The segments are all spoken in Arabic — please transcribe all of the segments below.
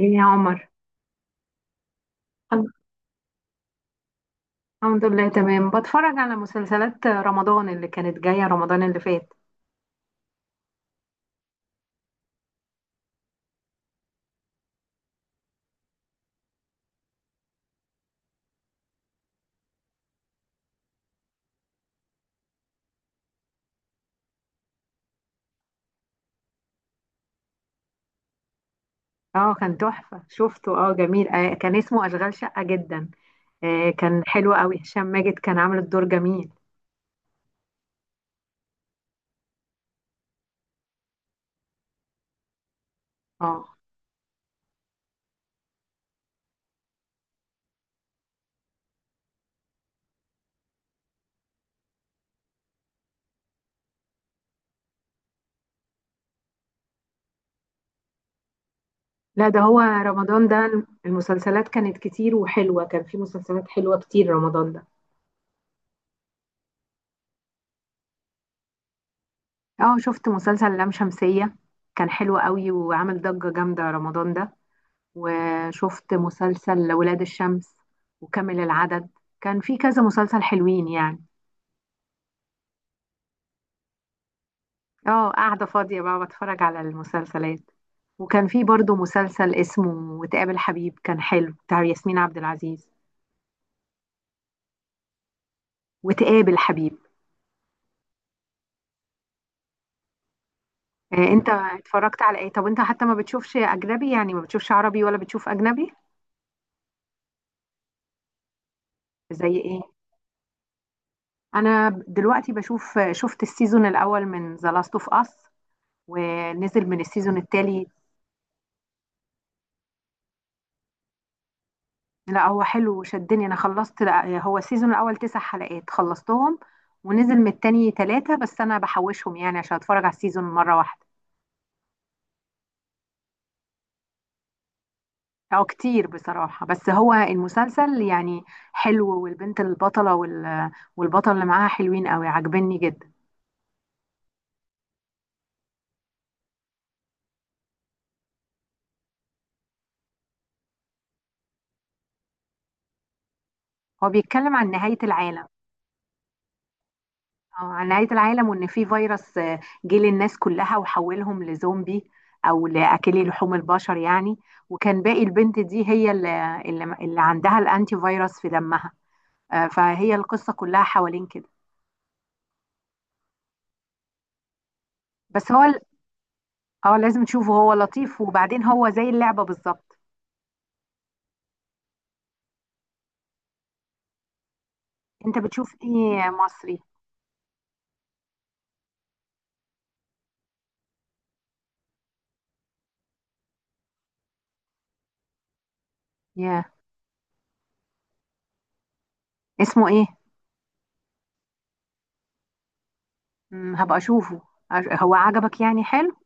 ايه يا عمر. الحمد الحمد لله تمام، بتفرج على مسلسلات رمضان اللي كانت جاية رمضان اللي فات. اه كان تحفة، شفته، اه جميل، آه كان اسمه أشغال شقة جدا. آه كان حلو قوي، هشام ماجد كان عامل الدور جميل. اه. لا ده هو رمضان ده المسلسلات كانت كتير وحلوة، كان في مسلسلات حلوة كتير رمضان ده. اه شفت مسلسل لام شمسية، كان حلو قوي وعامل ضجة جامدة رمضان ده. وشفت مسلسل ولاد الشمس وكامل العدد، كان في كذا مسلسل حلوين يعني. اه قاعدة فاضية بقى بتفرج على المسلسلات. وكان في برضو مسلسل اسمه وتقابل حبيب، كان حلو، بتاع ياسمين عبد العزيز. وتقابل حبيب. آه انت اتفرجت على ايه؟ طب انت حتى ما بتشوفش اجنبي يعني، ما بتشوفش عربي ولا بتشوف اجنبي؟ زي ايه؟ انا دلوقتي بشوف، شفت السيزون الاول من ذا لاست اوف اس ونزل من السيزون التالي. لا هو حلو وشدني، انا خلصت، لا هو السيزون الاول تسع حلقات خلصتهم، ونزل من التاني تلاتة بس انا بحوشهم يعني عشان اتفرج على السيزون مرة واحدة. او كتير بصراحة، بس هو المسلسل يعني حلو، والبنت البطلة والبطل اللي معاها حلوين قوي، عاجبني جدا. هو بيتكلم عن نهاية العالم. اه عن نهاية العالم، وان في فيروس جه للناس كلها وحولهم لزومبي او لاكلي لحوم البشر يعني. وكان باقي البنت دي هي اللي عندها الانتي فيروس في دمها، آه، فهي القصة كلها حوالين كده. بس هو ال- اه لازم تشوفه، هو لطيف، وبعدين هو زي اللعبة بالظبط. انت بتشوف ايه مصري؟ ياه. اسمه ايه؟ مم، هبقى اشوفه. هو عجبك يعني، حلو؟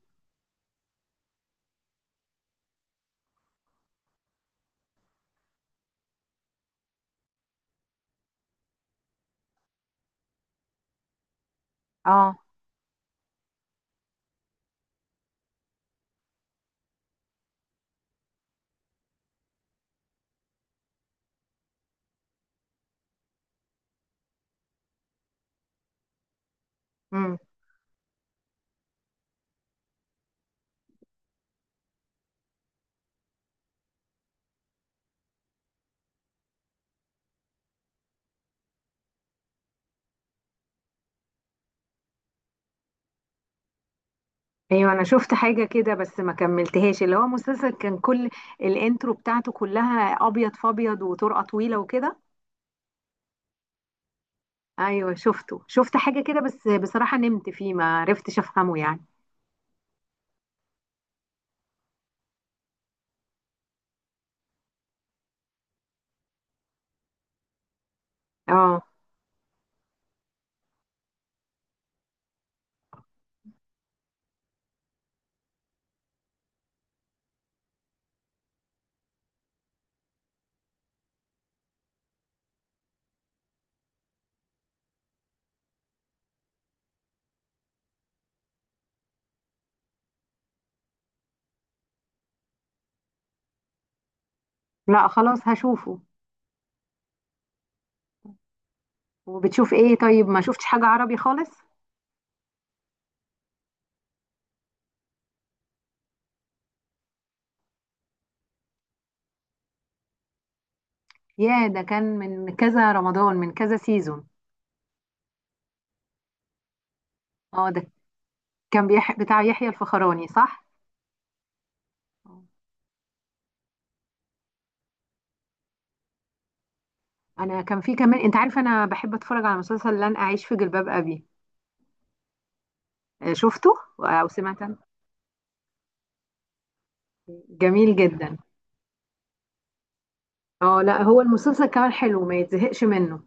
اه. امم. ايوه انا شفت حاجة كده بس ما كملتهاش، اللي هو مسلسل كان كل الانترو بتاعته كلها ابيض فابيض وطرقة طويلة وكده. ايوه شفته، شفت حاجة كده بس بصراحة نمت فيه ما عرفتش افهمه يعني. اه. لا خلاص هشوفه. وبتشوف ايه طيب؟ ما شفتش حاجة عربي خالص؟ يا ده كان من كذا رمضان، من كذا سيزون. اه ده كان بتاع يحيى الفخراني، صح؟ آه. انا كان في كمان، انت عارف انا بحب اتفرج على مسلسل لن اعيش في جلباب ابي. آه، شفته او سمعت عنه؟ جميل جدا. اه لا هو المسلسل كمان حلو، ما يتزهقش منه.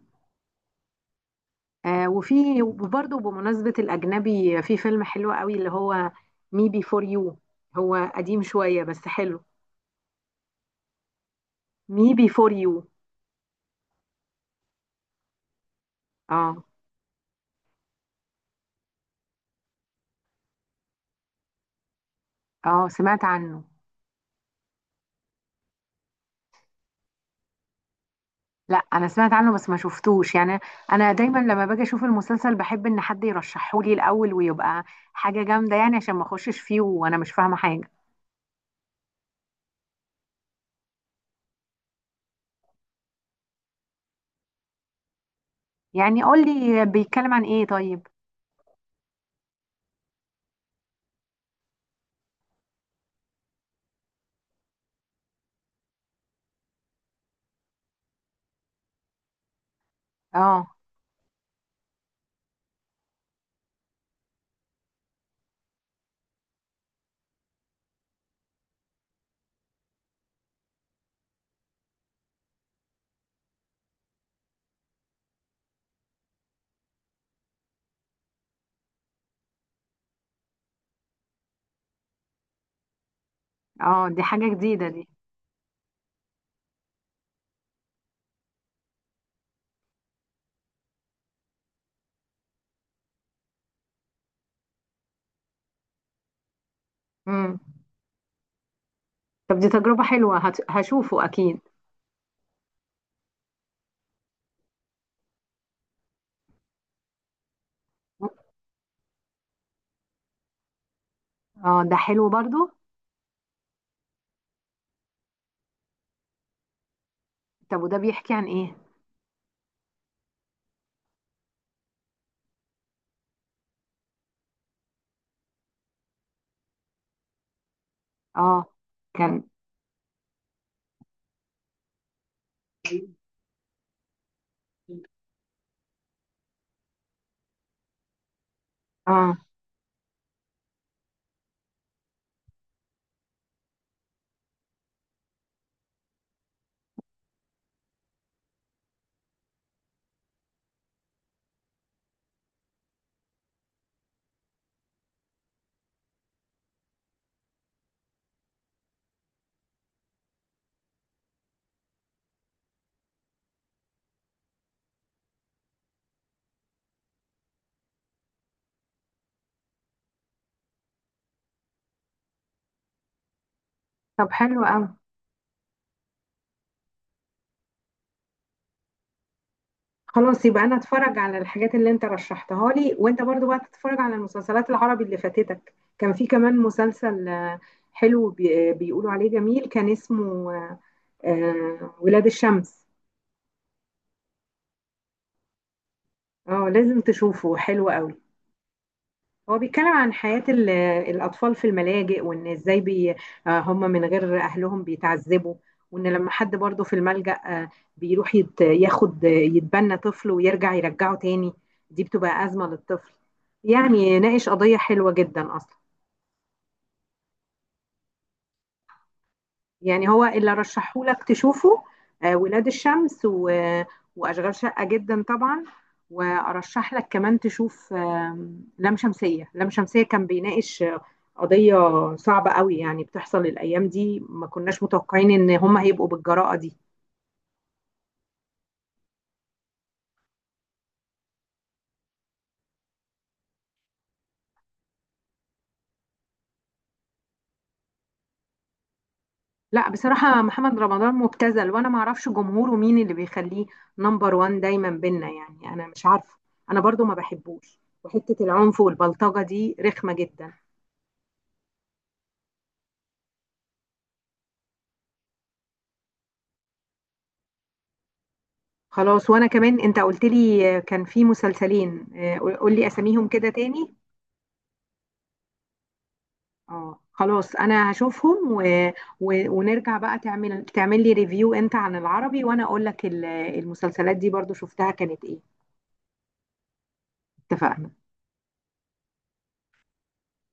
آه وفي، وبرضه بمناسبة الأجنبي، في فيلم حلو قوي اللي هو Me Before You، هو قديم شوية بس حلو. Me Before You. اه. اه سمعت عنه. لا انا سمعت عنه بس ما شفتوش يعني. انا دايما لما باجي اشوف المسلسل بحب ان حد يرشحه لي الاول، ويبقى حاجه جامده يعني، عشان ما اخشش فيه وانا مش فاهمه حاجه. يعني قول لي بيتكلم عن ايه طيب. اه. اه دي حاجه جديده دي. امم. طب دي تجربه حلوه، هشوفه اكيد. اه ده حلو برضو. طب وده بيحكي عن ايه؟ اه. كان. اه. طب حلو قوي. خلاص يبقى انا اتفرج على الحاجات اللي انت رشحتها لي، وانت برضو بقى تتفرج على المسلسلات العربي اللي فاتتك. كان في كمان مسلسل، آه، حلو، آه، بيقولوا عليه جميل، كان اسمه آه، آه، ولاد الشمس. اه لازم تشوفه، حلو قوي. هو بيتكلم عن حياة الأطفال في الملاجئ، وإن إزاي آه، هم من غير أهلهم بيتعذبوا، وإن لما حد برضه في الملجأ آه، بيروح ياخد يتبنى طفل ويرجع يرجعه تاني، دي بتبقى أزمة للطفل، يعني ناقش قضية حلوة جدا أصلا. يعني هو اللي رشحهولك تشوفه، آه، ولاد الشمس، و... وأشغال شقة جدا طبعا. وأرشح لك كمان تشوف آم، لام شمسية، لام شمسية كان بيناقش آه، قضية صعبة قوي، يعني بتحصل الأيام دي، ما كناش متوقعين إن هما هيبقوا بالجراءة دي. لا بصراحة محمد رمضان مبتذل، وأنا ما أعرفش جمهوره مين اللي بيخليه نمبر وان دايما بينا، يعني أنا مش عارفة. أنا برضو ما بحبوش، وحتة العنف والبلطجة دي رخمة جدا. خلاص. وانا كمان انت قلت لي كان في مسلسلين، آه، قول لي اساميهم كده تاني. اه خلاص انا هشوفهم، و... و... ونرجع بقى تعمل، تعمل لي ريفيو انت عن العربي، وانا اقول لك المسلسلات دي برضو شفتها كانت ايه. اتفقنا.